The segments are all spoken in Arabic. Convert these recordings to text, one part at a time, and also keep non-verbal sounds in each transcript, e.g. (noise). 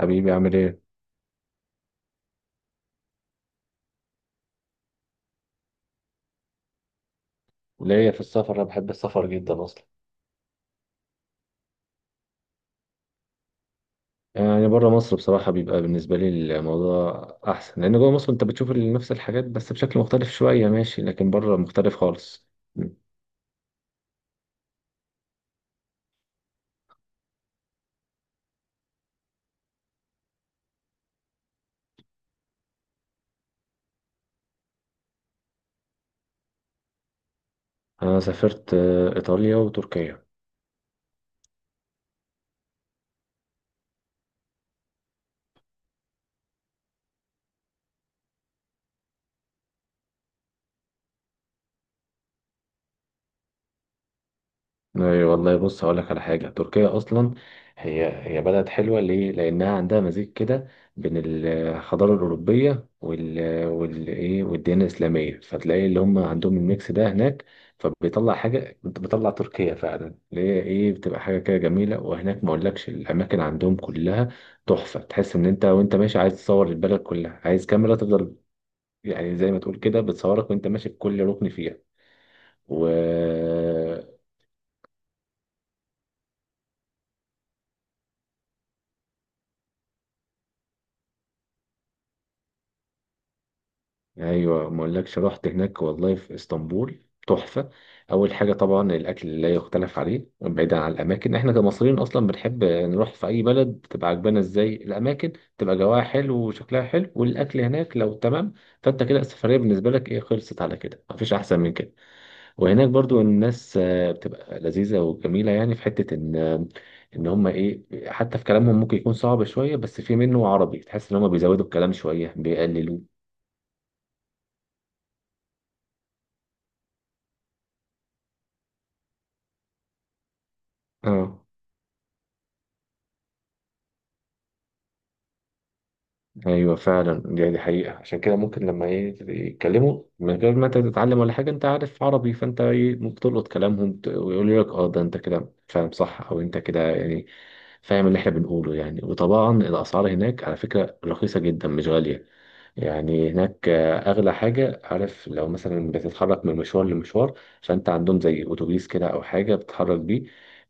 حبيبي عامل ايه؟ وليا في السفر، انا بحب السفر جدا اصلا، يعني بره مصر بصراحة بيبقى بالنسبة لي الموضوع أحسن، لأن جوه مصر أنت بتشوف نفس الحاجات بس بشكل مختلف شوية، ماشي، لكن بره مختلف خالص. م. أنا سافرت إيطاليا وتركيا. اي والله، بص هقول لك على حاجه، تركيا اصلا هي بلد حلوه ليه؟ لانها عندها مزيج كده بين الحضاره الاوروبيه والديانه الاسلاميه، فتلاقي اللي هم عندهم الميكس ده هناك، فبيطلع حاجه، بتطلع تركيا فعلا اللي هي بتبقى حاجه كده جميله. وهناك ما اقولكش الاماكن عندهم كلها تحفه، تحس ان انت وانت ماشي عايز تصور البلد كلها، عايز كاميرا تفضل يعني، زي ما تقول كده بتصورك وانت ماشي في كل ركن فيها و... ايوه، ما اقولكش رحت هناك والله في اسطنبول تحفه. اول حاجه طبعا الاكل لا يختلف عليه، بعيدا عن الاماكن، احنا كمصريين اصلا بنحب نروح في اي بلد تبقى عجبانا ازاي الاماكن تبقى جواها حلو وشكلها حلو والاكل هناك لو تمام، فانت كده السفريه بالنسبه لك ايه خلصت على كده، مفيش احسن من كده. وهناك برضو الناس بتبقى لذيذه وجميله، يعني في حته ان ان هم حتى في كلامهم ممكن يكون صعب شويه، بس في منه عربي، تحس ان هم بيزودوا الكلام شويه بيقللوه. اه، ايوه فعلا دي حقيقه، عشان كده ممكن لما يتكلموا من غير ما انت تتعلم ولا حاجه، انت عارف عربي، فانت ممكن تلقط كلامهم، ويقولوا لك اه ده انت كده فاهم صح، او انت كده يعني فاهم اللي احنا بنقوله يعني. وطبعا الاسعار هناك على فكره رخيصه جدا مش غاليه، يعني هناك اغلى حاجه عارف، لو مثلا بتتحرك من مشوار لمشوار، فانت عندهم زي اتوبيس كده او حاجه بتتحرك بيه،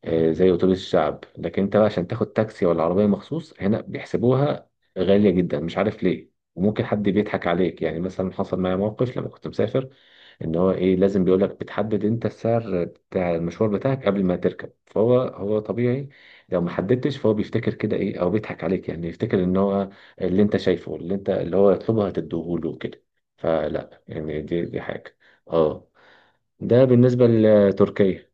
زي اتوبيس الشعب، لكن انت بقى عشان تاخد تاكسي ولا عربيه مخصوص هنا بيحسبوها غاليه جدا، مش عارف ليه. وممكن حد بيضحك عليك يعني، مثلا حصل معايا موقف لما كنت مسافر، ان هو لازم، بيقول لك بتحدد انت السعر بتاع المشوار بتاعك قبل ما تركب، فهو هو طبيعي لو ما حددتش، فهو بيفتكر كده او بيضحك عليك يعني، يفتكر ان هو اللي انت شايفه، اللي انت اللي هو يطلبه هتديهوله كده، فلا يعني دي حاجة. اه ده بالنسبة لتركيا.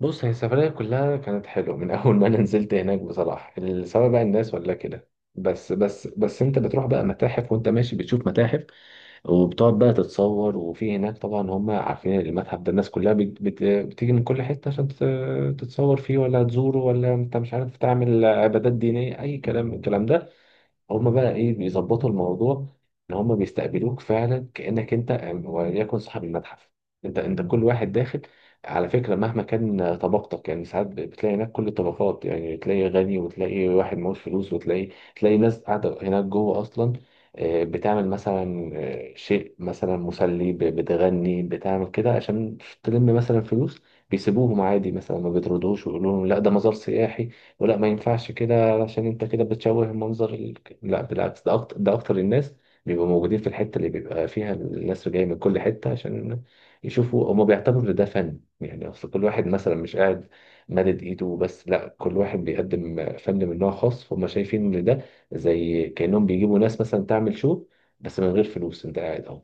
بص، هي السفرية كلها كانت حلوة من (laughs) أول ما أنا نزلت هناك بصراحة، سواء بقى الناس ولا كده، بس أنت بتروح بقى متاحف، وأنت ماشي بتشوف متاحف، وبتقعد بقى تتصور، وفي هناك طبعا هم عارفين المتحف ده، الناس كلها بت بت بتيجي من كل حتة عشان تتصور فيه ولا تزوره، ولا أنت مش عارف تعمل عبادات دينية، أي كلام من الكلام ده. هما بقى بيظبطوا الموضوع، ان هما بيستقبلوك فعلا كانك انت وليكن صاحب المتحف، انت كل واحد داخل على فكره مهما كان طبقتك. يعني ساعات بتلاقي هناك كل الطبقات، يعني تلاقي غني وتلاقي واحد معهوش فلوس، وتلاقي ناس قاعده هناك جوه اصلا، بتعمل مثلا شيء مثلا مسلي، بتغني، بتعمل كده عشان تلم مثلا فلوس، بيسيبوهم عادي، مثلا ما بيطردوش ويقولوا لهم لا ده مزار سياحي ولا ما ينفعش كده، علشان انت كده بتشوه المنظر. لا بالعكس، ده اكتر الناس بيبقوا موجودين في الحته اللي بيبقى فيها الناس جايه من كل حته عشان يشوفوا. هما بيعتبروا ان ده فن، يعني اصل كل واحد مثلا مش قاعد مدد ايده وبس، لا كل واحد بيقدم فن من نوع خاص، فهم شايفين ان ده زي كانهم بيجيبوا ناس مثلا تعمل شو بس من غير فلوس، انت قاعد اهو.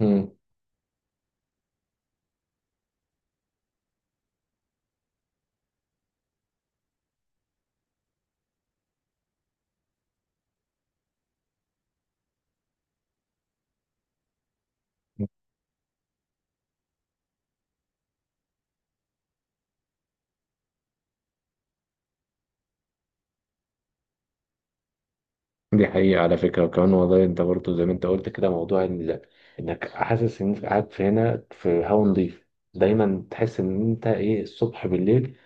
مم. دي حقيقة على فكرة، وكمان والله انت برضه زي ما انت قلت كده، موضوع انك حاسس انك قاعد في هنا في هوا نضيف، دايما تحس ان انت الصبح بالليل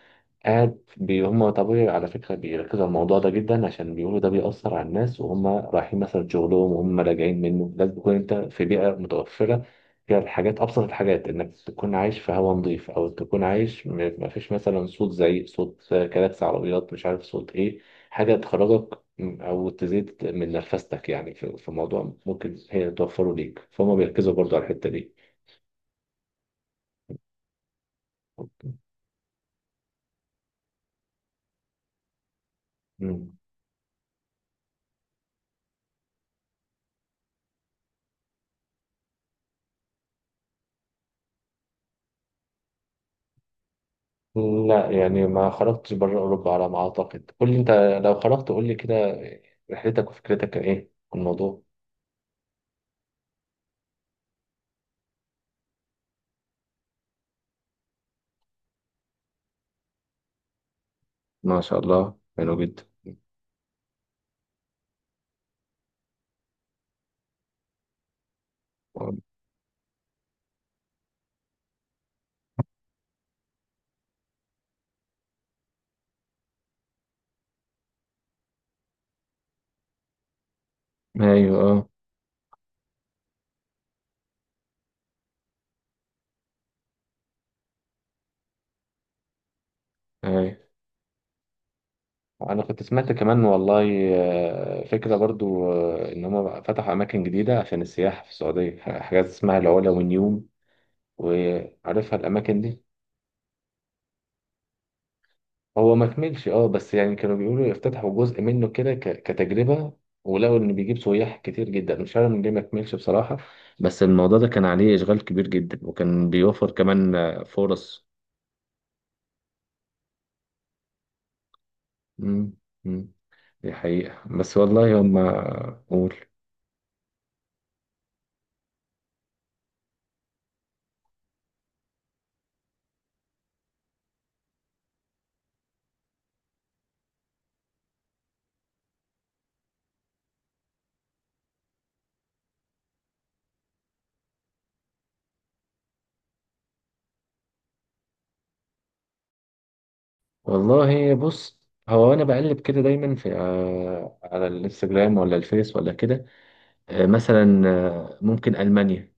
قاعد بي هم طبيعي، على فكرة بيركزوا على الموضوع ده جدا، عشان بيقولوا ده بيأثر على الناس، وهم رايحين مثلا شغلهم وهم راجعين منه لازم تكون انت في بيئة متوفرة فيها الحاجات، أبسط الحاجات إنك تكون عايش في هواء نظيف، أو تكون عايش مفيش مثلا صوت زعيق، صوت كلاكس عربيات، مش عارف صوت إيه، حاجة تخرجك أو تزيد من نرفستك، يعني في موضوع ممكن هي توفره ليك، فهم بيركزوا برضو على الحتة دي. مم. لا يعني ما خرجتش بره أوروبا على ما أعتقد، قول لي أنت لو خرجت قول لي كده، رحلتك وفكرتك كان إيه عن الموضوع. ما شاء الله حلو جدا. ايوه اه. ايوه أنا كنت سمعت كمان والله، فكرة برضو إن هم فتحوا أماكن جديدة عشان السياحة في السعودية، حاجات اسمها العلا والنيوم، وعارفها الأماكن دي. هو ما كملش، اه، بس يعني كانوا بيقولوا يفتتحوا جزء منه كده كتجربة، ولقوا ان بيجيب سياح كتير جدا، مش عارف من ليه ما كملش بصراحة، بس الموضوع ده كان عليه اشغال كبير جدا، وكان بيوفر كمان فرص. مم. مم. دي حقيقة بس والله هم. قول. والله بص، هو انا بقلب كده دايما في على الانستجرام ولا الفيس ولا كده، مثلا ممكن المانيا.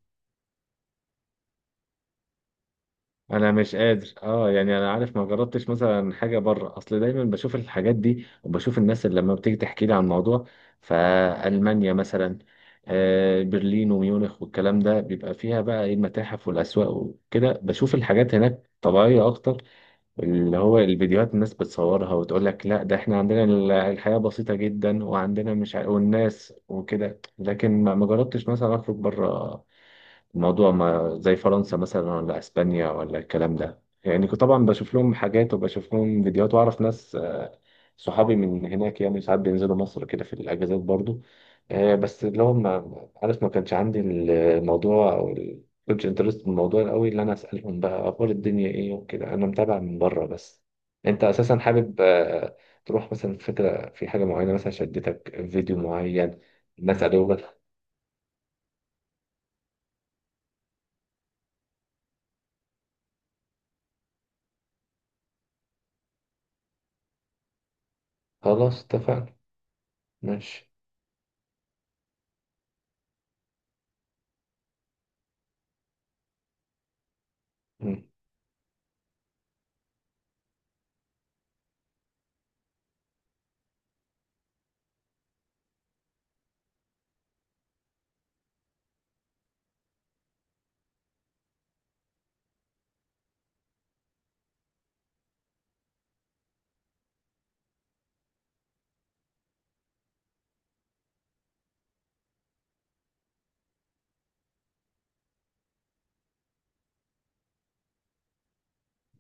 انا مش قادر، يعني انا عارف، ما جربتش مثلا حاجه بره، اصل دايما بشوف الحاجات دي وبشوف الناس اللي لما بتيجي تحكي لي عن الموضوع. فالمانيا مثلا، برلين وميونخ والكلام ده، بيبقى فيها بقى المتاحف والاسواق وكده، بشوف الحاجات هناك طبيعيه اكتر، اللي هو الفيديوهات الناس بتصورها وتقول لك لا ده احنا عندنا الحياه بسيطه جدا، وعندنا مش والناس وكده، لكن ما جربتش مثلا اخرج بره الموضوع، ما زي فرنسا مثلا ولا اسبانيا ولا الكلام ده. يعني كنت طبعا بشوف لهم حاجات، وبشوف لهم فيديوهات، واعرف ناس صحابي من هناك، يعني ساعات بينزلوا مصر كده في الاجازات برضو، بس اللي هو ما عارف، ما كانش عندي الموضوع او كنتش انترست بالموضوع قوي، اللي انا اسالهم بقى اخبار الدنيا ايه وكده، انا متابع من بره بس. انت اساسا حابب تروح مثلا، فكره في حاجه معينه، مثلا شدتك فيديو معين الناس عليه. خلاص اتفقنا. ماشي.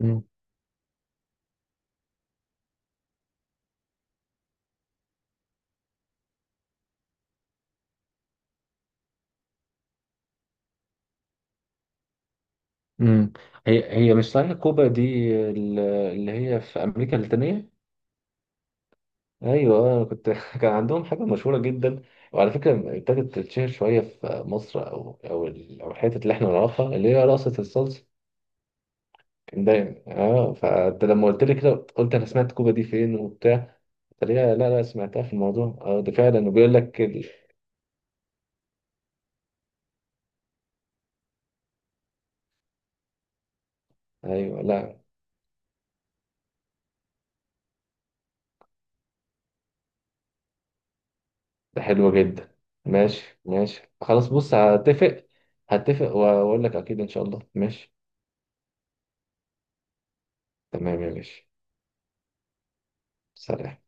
مم. مم. هي مش صحيح كوبا دي اللي هي في امريكا اللاتينيه. ايوه كنت (laughs) كان عندهم حاجه مشهوره جدا، وعلى فكره ابتدت تتشهر شويه في مصر، او الحتت اللي احنا نعرفها، اللي هي رقصه الصلصه. كان دايما، فانت لما قلت لي كده، قلت انا سمعت كوبا دي فين وبتاع، قلت لي لا لا سمعتها في الموضوع. اه ده فعلا، وبيقول لك ايوه لا، ده حلوه جدا. ماشي ماشي خلاص، بص هتفق، هتفق واقول لك اكيد ان شاء الله. ماشي تمام يا باشا، سلام.